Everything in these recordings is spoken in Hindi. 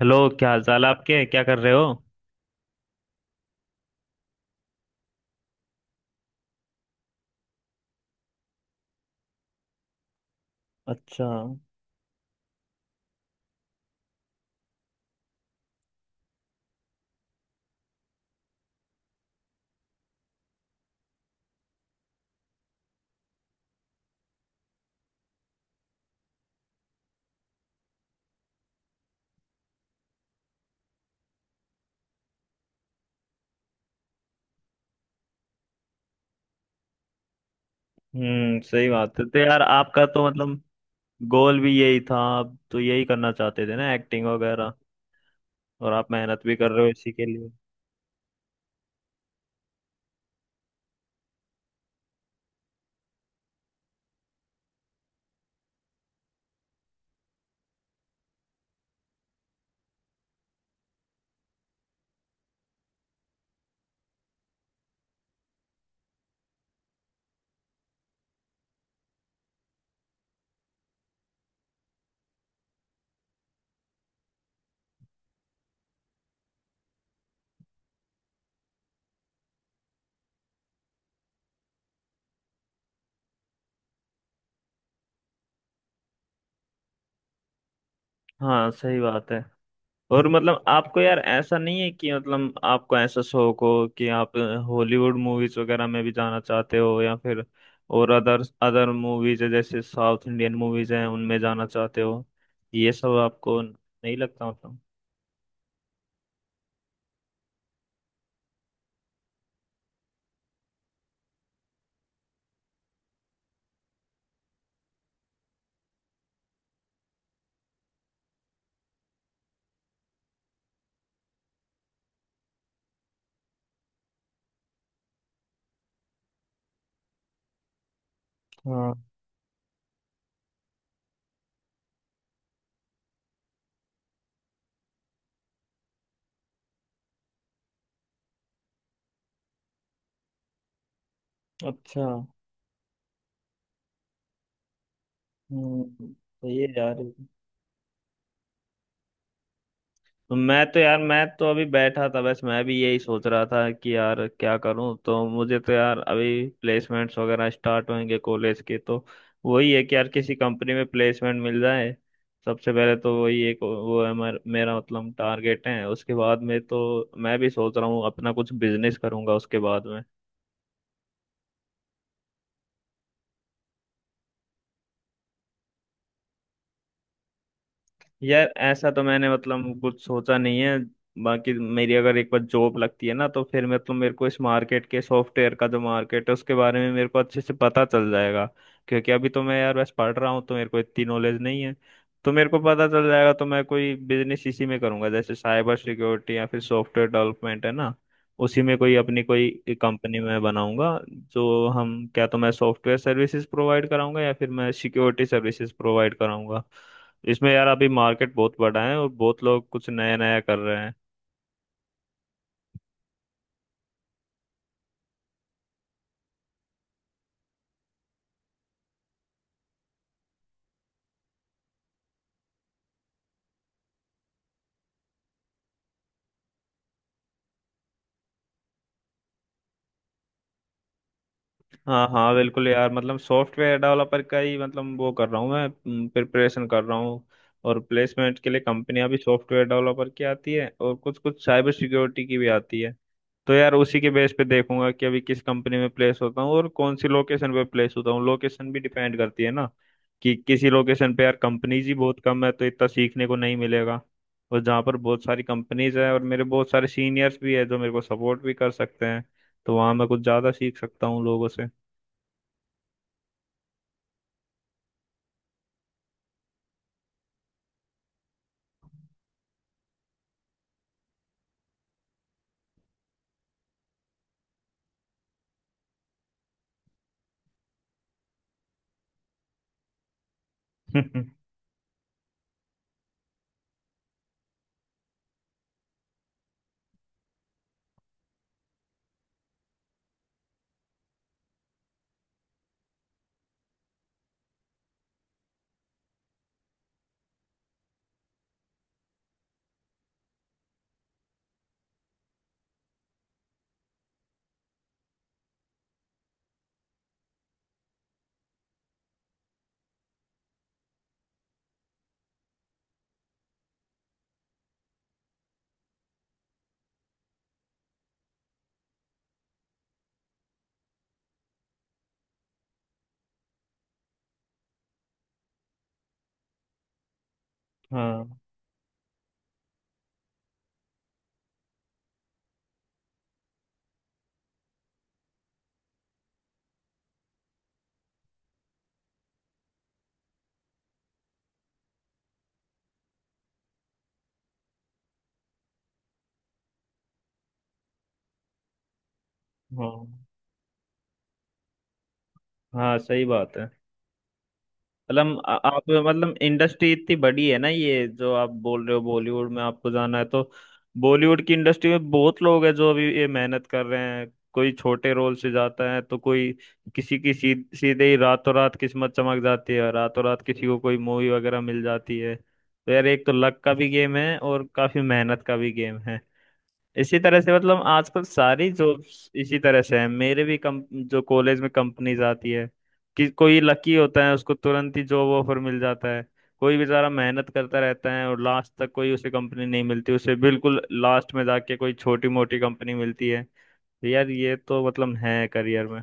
हेलो, क्या हाल चाल है आपके? क्या कर रहे हो? अच्छा। सही बात है। तो यार आपका तो मतलब गोल भी यही था, आप तो यही करना चाहते थे ना, एक्टिंग वगैरह। और आप मेहनत भी कर रहे हो इसी के लिए। हाँ, सही बात है। और मतलब आपको यार ऐसा नहीं है कि मतलब आपको ऐसा शौक हो कि आप हॉलीवुड मूवीज वगैरह में भी जाना चाहते हो, या फिर और अदर अदर मूवीज है, जैसे साउथ इंडियन मूवीज हैं, उनमें जाना चाहते हो? ये सब आपको नहीं लगता मतलब? हाँ। अच्छा। हम्म, सही है यार। तो मैं तो यार मैं तो अभी बैठा था, बस मैं भी यही सोच रहा था कि यार क्या करूं। तो मुझे तो यार अभी प्लेसमेंट्स वगैरह स्टार्ट होंगे कॉलेज के, तो वही है कि यार किसी कंपनी में प्लेसमेंट मिल जाए। सबसे पहले तो वही एक वो है, मेरा मतलब टारगेट है। उसके बाद में तो मैं भी सोच रहा हूँ अपना कुछ बिजनेस करूंगा उसके बाद में। यार ऐसा तो मैंने मतलब कुछ सोचा नहीं है। बाकी मेरी अगर एक बार जॉब लगती है ना, तो फिर मतलब मेरे को इस मार्केट के सॉफ्टवेयर का जो मार्केट है उसके बारे में मेरे को अच्छे से पता चल जाएगा। क्योंकि अभी तो मैं यार बस पढ़ रहा हूँ, तो मेरे को इतनी नॉलेज नहीं है। तो मेरे को पता चल जाएगा, तो मैं कोई बिजनेस इसी में करूंगा, जैसे साइबर सिक्योरिटी या फिर सॉफ्टवेयर डेवलपमेंट है ना, उसी में कोई अपनी कोई कंपनी में बनाऊंगा। जो हम क्या, तो मैं सॉफ्टवेयर सर्विसेज प्रोवाइड कराऊंगा या फिर मैं सिक्योरिटी सर्विसेज प्रोवाइड कराऊंगा। इसमें यार अभी मार्केट बहुत बड़ा है और बहुत लोग कुछ नया नया कर रहे हैं। हाँ हाँ, बिल्कुल यार, मतलब सॉफ्टवेयर डेवलपर का ही मतलब वो कर रहा हूँ, मैं प्रिपरेशन कर रहा हूँ। और प्लेसमेंट के लिए कंपनियां भी सॉफ्टवेयर डेवलपर की आती है और कुछ कुछ साइबर सिक्योरिटी की भी आती है। तो यार उसी के बेस पे देखूंगा कि अभी किस कंपनी में प्लेस होता हूँ और कौन सी लोकेशन पे प्लेस होता हूँ। लोकेशन भी डिपेंड करती है ना, कि किसी लोकेशन पे यार कंपनीज ही बहुत कम है, तो इतना सीखने को नहीं मिलेगा। और जहाँ पर बहुत सारी कंपनीज है और मेरे बहुत सारे सीनियर्स भी है जो मेरे को सपोर्ट भी कर सकते हैं, तो वहाँ मैं कुछ ज़्यादा सीख सकता हूँ लोगों से। हाँ हाँ हाँ, सही बात है। मतलब आप मतलब इंडस्ट्री इतनी बड़ी है ना, ये जो आप बोल रहे हो बॉलीवुड में आपको जाना है, तो बॉलीवुड की इंडस्ट्री में बहुत लोग हैं जो अभी ये मेहनत कर रहे हैं। कोई छोटे रोल से जाता है, तो कोई किसी की सीधे ही रातों रात किस्मत चमक जाती है, रातों रात किसी को कोई मूवी वगैरह मिल जाती है। तो यार एक तो लक का भी गेम है और काफी मेहनत का भी गेम है। इसी तरह से मतलब आजकल सारी जॉब्स इसी तरह से है, मेरे भी कम जो कॉलेज में कंपनीज आती है, कि कोई लकी होता है उसको तुरंत ही जॉब ऑफर मिल जाता है। कोई बेचारा मेहनत करता रहता है और लास्ट तक कोई उसे कंपनी नहीं मिलती, उसे बिल्कुल लास्ट में जाके कोई छोटी मोटी कंपनी मिलती है। तो यार ये तो मतलब है करियर में।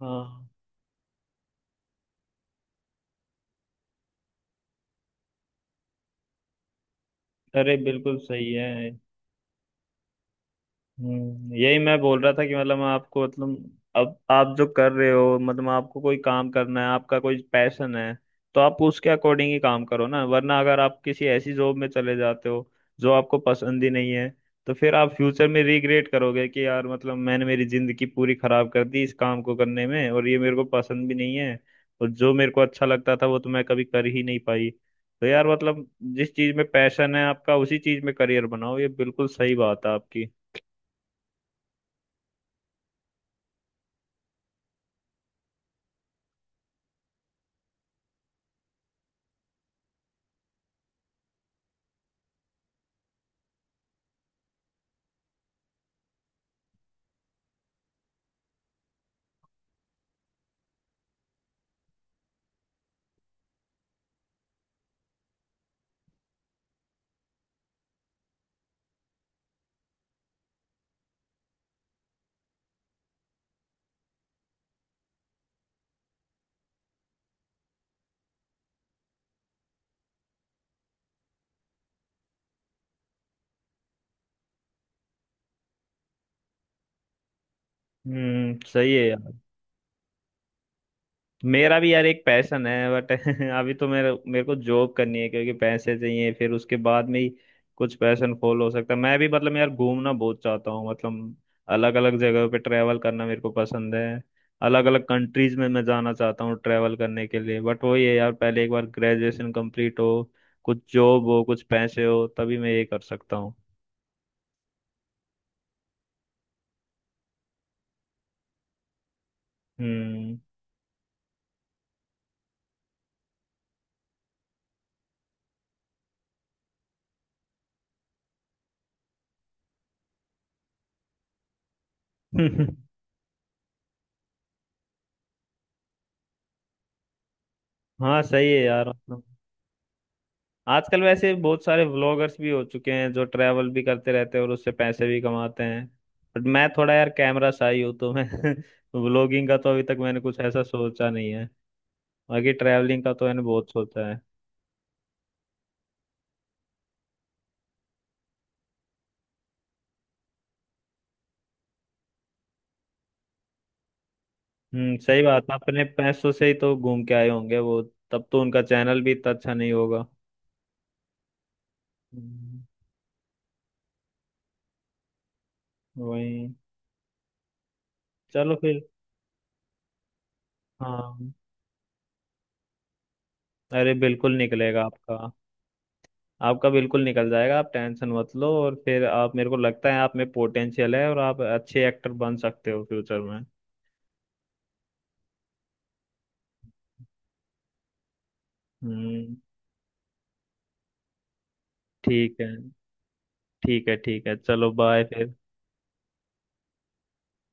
हाँ, अरे बिल्कुल सही है। यही मैं बोल रहा था कि मतलब मैं आपको, मतलब अब आप जो कर रहे हो, मतलब आपको कोई काम करना है, आपका कोई पैशन है, तो आप उसके अकॉर्डिंग ही काम करो ना। वरना अगर आप किसी ऐसी जॉब में चले जाते हो जो आपको पसंद ही नहीं है, तो फिर आप फ्यूचर में रिग्रेट करोगे कि यार, मतलब मैंने मेरी जिंदगी पूरी खराब कर दी इस काम को करने में, और ये मेरे को पसंद भी नहीं है। और जो मेरे को अच्छा लगता था वो तो मैं कभी कर ही नहीं पाई। तो यार मतलब जिस चीज में पैशन है आपका उसी चीज में करियर बनाओ, ये बिल्कुल सही बात है आपकी। हम्म, सही है यार। मेरा भी यार एक पैशन है बट अभी तो मेरे मेरे को जॉब करनी है, क्योंकि पैसे चाहिए, फिर उसके बाद में ही कुछ पैशन फॉल हो सकता है। मैं भी मतलब यार घूमना बहुत चाहता हूँ, मतलब अलग अलग जगह पे ट्रैवल करना मेरे को पसंद है। अलग अलग कंट्रीज में मैं जाना चाहता हूँ ट्रैवल करने के लिए, बट वही है यार पहले एक बार ग्रेजुएशन कंप्लीट हो, कुछ जॉब हो, कुछ पैसे हो, तभी मैं ये कर सकता हूँ। हम्म। हाँ, सही है यार। मतलब आजकल वैसे बहुत सारे व्लॉगर्स भी हो चुके हैं जो ट्रैवल भी करते रहते हैं और उससे पैसे भी कमाते हैं, बट मैं थोड़ा यार कैमरा शाई हूँ, तो मैं व्लॉगिंग का तो अभी तक मैंने कुछ ऐसा सोचा नहीं है। बाकी ट्रैवलिंग का तो मैंने बहुत सोचा है। सही बात है, अपने पैसों से ही तो घूम के आए होंगे वो। तब तो उनका चैनल भी इतना अच्छा नहीं होगा। हम्म, वही। चलो फिर। हाँ, अरे बिल्कुल निकलेगा आपका। आपका बिल्कुल निकल जाएगा, आप टेंशन मत लो। और फिर आप, मेरे को लगता है आप में पोटेंशियल है, और आप अच्छे एक्टर बन सकते हो फ्यूचर में। हम्म। ठीक है, ठीक है, ठीक है, चलो बाय फिर।